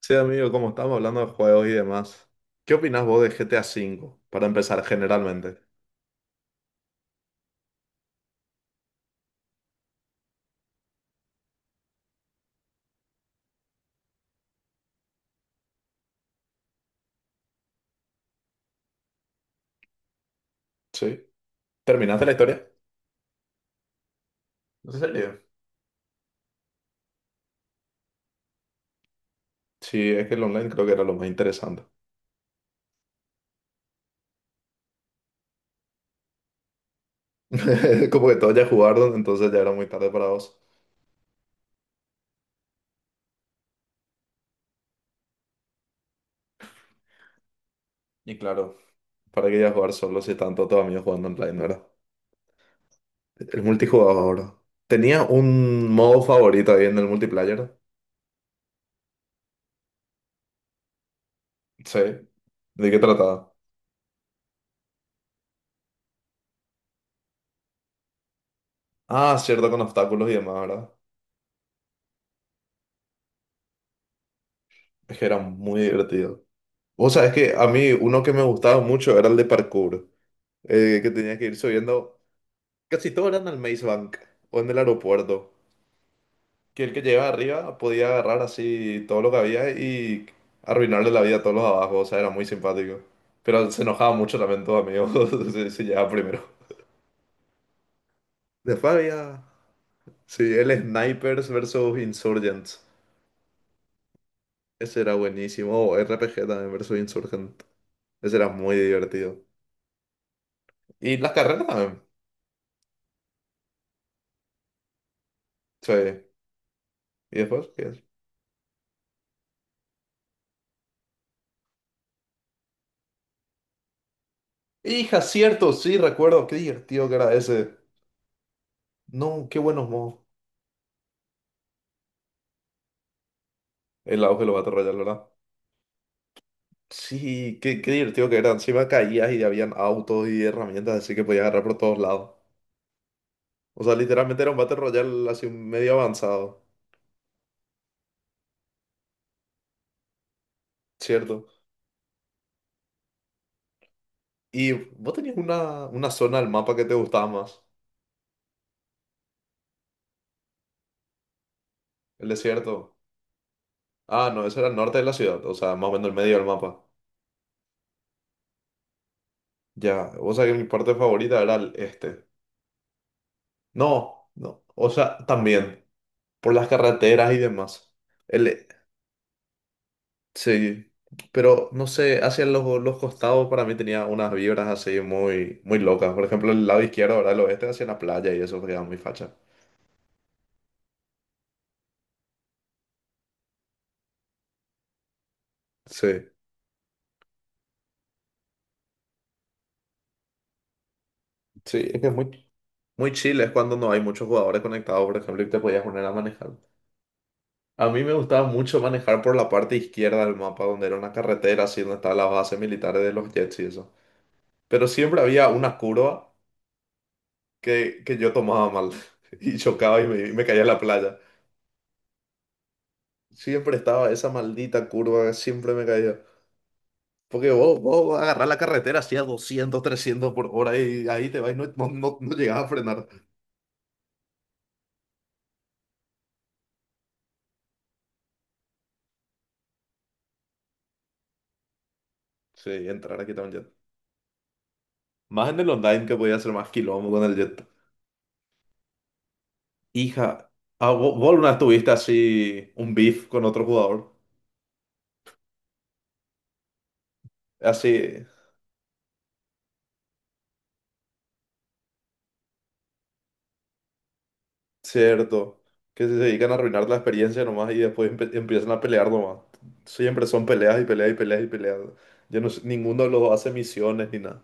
Sí, amigo, como estamos hablando de juegos y demás, ¿qué opinás vos de GTA V? Para empezar, generalmente. Sí. ¿Terminaste la historia? ¿En serio? Sí, es que el online creo que era lo más interesante. Como que todos ya jugaron, entonces ya era muy tarde para vos. Y claro, ¿para qué ya jugar solo si tanto todos amigos jugando online, verdad? El multijugador. ¿Tenía un modo favorito ahí en el multiplayer? Sí. ¿De qué trataba? Ah, cierto, con obstáculos y demás, ¿verdad? Es que era muy divertido. Vos sabés que a mí uno que me gustaba mucho era el de parkour, que tenía que ir subiendo, casi todo era en el Maze Bank o en el aeropuerto, que el que llegaba arriba podía agarrar así todo lo que había y arruinarle la vida a todos los de abajo, o sea, era muy simpático. Pero se enojaba mucho también todo, amigo, si llegaba primero. Después había, sí, el Snipers versus Insurgents, ese era buenísimo, o RPG también versus Insurgent, ese era muy divertido. Y las carreras también, sí. ¿Y después, qué? Hija, cierto, sí, recuerdo, qué divertido que era ese. No, qué buenos modos. El auge de los Battle Royale, ¿verdad? Sí, qué divertido que era. Encima caías y habían autos y herramientas, así que podías agarrar por todos lados. O sea, literalmente era un Battle Royale así medio avanzado, ¿cierto? Y vos tenías una zona del mapa que te gustaba más, el desierto. Ah, no, eso era el norte de la ciudad, o sea, más o menos el medio del mapa. Ya, o sea que mi parte favorita era el este. No, no, o sea, también, por las carreteras y demás. El, sí, pero no sé, hacia los costados para mí tenía unas vibras así muy, muy locas. Por ejemplo, el lado izquierdo, ahora el oeste, hacia la playa y eso queda muy facha. Sí, sí, es que es muy, muy chile, es cuando no hay muchos jugadores conectados, por ejemplo, y te podías poner a manejar. A mí me gustaba mucho manejar por la parte izquierda del mapa, donde era una carretera, así donde estaban las bases militares de los jets y eso. Pero siempre había una curva que yo tomaba mal y chocaba y me caía en la playa. Siempre estaba esa maldita curva, siempre me caía. Porque vos vas a agarrar la carretera así a 200, 300 por hora y ahí te vas y no, no, no, no llegás a frenar. Sí, entrar aquí también, jet. Más en el online que podía hacer más quilombo con el jet. Hija, ah, vos alguna vez tuviste así un beef con otro jugador. Así, cierto. Que se dedican a arruinar la experiencia nomás y después empiezan a pelear nomás. Siempre son peleas y peleas y peleas y peleas. Yo no sé, ninguno de los dos hace misiones ni nada.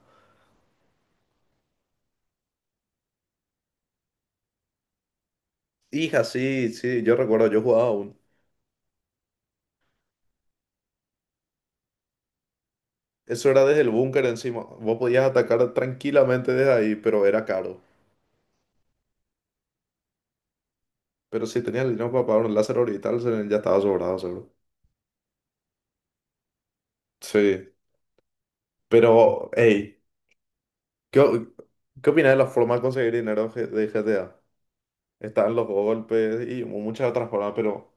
Hija, sí, sí, yo recuerdo, yo jugaba aún. Eso era desde el búnker encima. Vos podías atacar tranquilamente desde ahí, pero era caro. Pero si tenías el dinero para pagar un láser orbital, ya estaba sobrado, seguro. Sí, pero, hey, ¿qué, o- qué opinas de la forma de conseguir dinero de GTA? Están los golpes y muchas otras formas, pero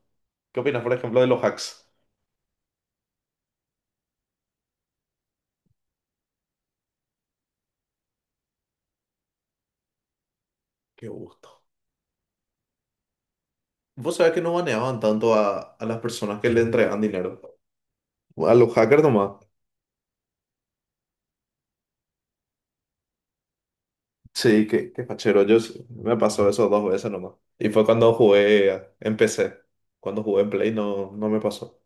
¿qué opinas, por ejemplo, de los hacks? Qué gusto. Vos sabés que no baneaban tanto a las personas que le entregaban dinero. A los hackers nomás. Sí, qué fachero. Me pasó eso dos veces nomás. Y fue cuando jugué, en PC. Cuando jugué en Play no, no me pasó.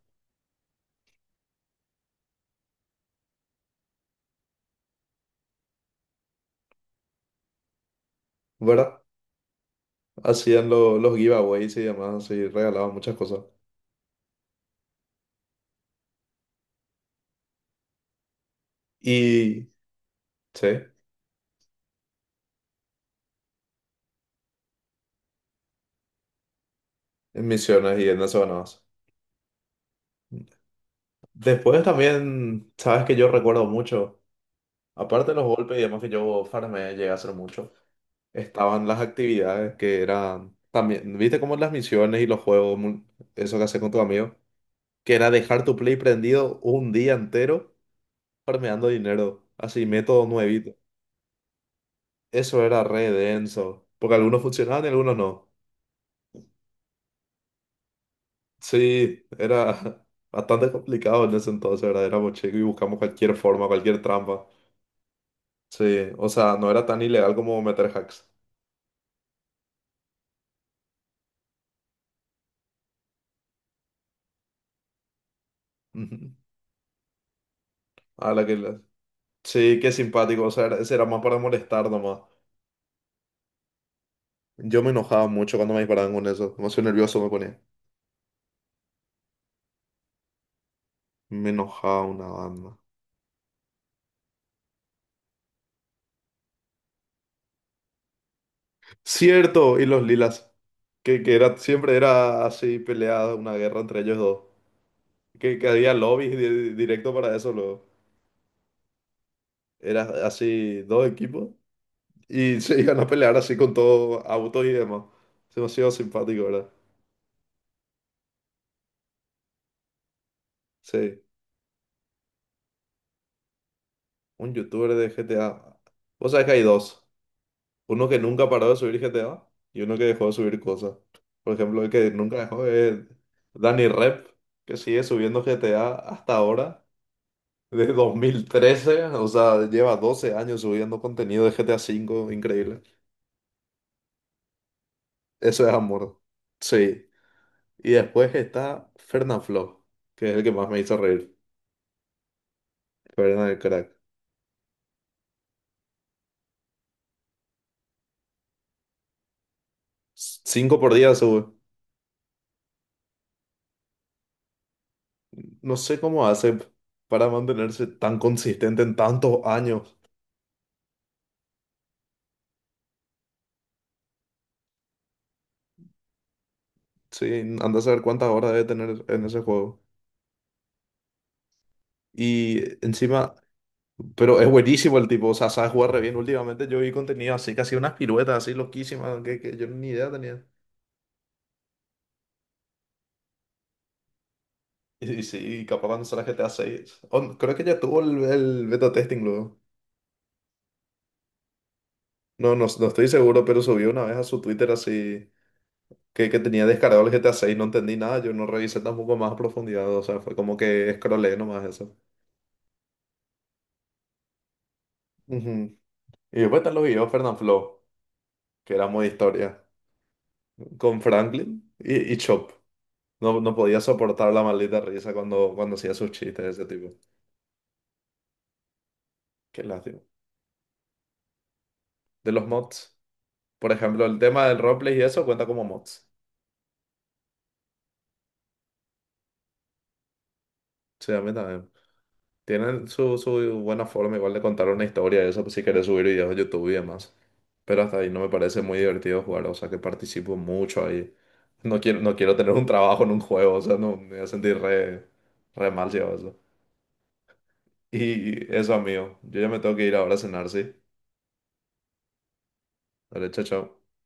¿Verdad? Hacían los giveaways y demás y regalaban muchas cosas. Y sí, en misiones y en eso ganabas. Después también, sabes que yo recuerdo mucho, aparte de los golpes y demás que yo farmeé, llegué a hacer mucho, estaban las actividades que eran también, viste como las misiones y los juegos, eso que haces con tu amigo que era dejar tu Play prendido un día entero farmeando dinero, así método nuevito. Eso era re denso, porque algunos funcionaban y algunos no. Sí, era bastante complicado en ese entonces, ¿verdad? Éramos chicos y buscamos cualquier forma, cualquier trampa. Sí, o sea, no era tan ilegal como meter hacks. Ujú. A la que Sí, qué simpático, o sea, ese era más para molestar nomás. Yo me enojaba mucho cuando me disparaban con eso, demasiado nervioso me ponía. Me enojaba una banda. Cierto, y los lilas. Que era, siempre era así peleada una guerra entre ellos dos. Que había lobbies directo para eso, luego. Era así dos equipos y se iban a pelear así con todo autos y demás. Es demasiado simpático, ¿verdad? Sí, un youtuber de GTA. Vos sabés que hay dos. Uno que nunca paró de subir GTA y uno que dejó de subir cosas. Por ejemplo, el que nunca dejó es Danny Rep, que sigue subiendo GTA hasta ahora. De 2013, o sea, lleva 12 años subiendo contenido de GTA V, increíble. Eso es amor. Sí. Y después está Flo, que es el que más me hizo reír. Fernan el crack. 5 por día sube. No sé cómo hace para mantenerse tan consistente en tantos años. Sí, anda a saber cuántas horas debe tener en ese juego. Y encima, pero es buenísimo el tipo, o sea, sabe jugar re bien. Últimamente yo vi contenido así, casi unas piruetas así loquísimas, que yo ni idea tenía. Y sí, capaz cuando sale GTA 6, creo que ya tuvo el beta testing luego. No, no, no estoy seguro, pero subió una vez a su Twitter así que tenía descargado el GTA 6. No entendí nada, yo no revisé tampoco más a profundidad. O sea, fue como que scrollé nomás eso. Ujú. Y después están los videos Fernanfloo, que era muy historia, con Franklin y Chop. No, no podía soportar la maldita risa cuando hacía sus chistes de ese tipo. Qué lástima. De los mods. Por ejemplo, el tema del roleplay y eso cuenta como mods. Sí, a mí también. Tienen su buena forma igual de contar una historia, y eso pues, si querés subir videos a YouTube y demás. Pero hasta ahí no me parece muy divertido jugar, o sea que participo mucho ahí. No quiero, no quiero tener un trabajo en un juego, o sea, no me voy a sentir re, re mal si hago eso. Y eso, amigo, yo ya me tengo que ir ahora a cenar, ¿sí? Dale, chao, chao.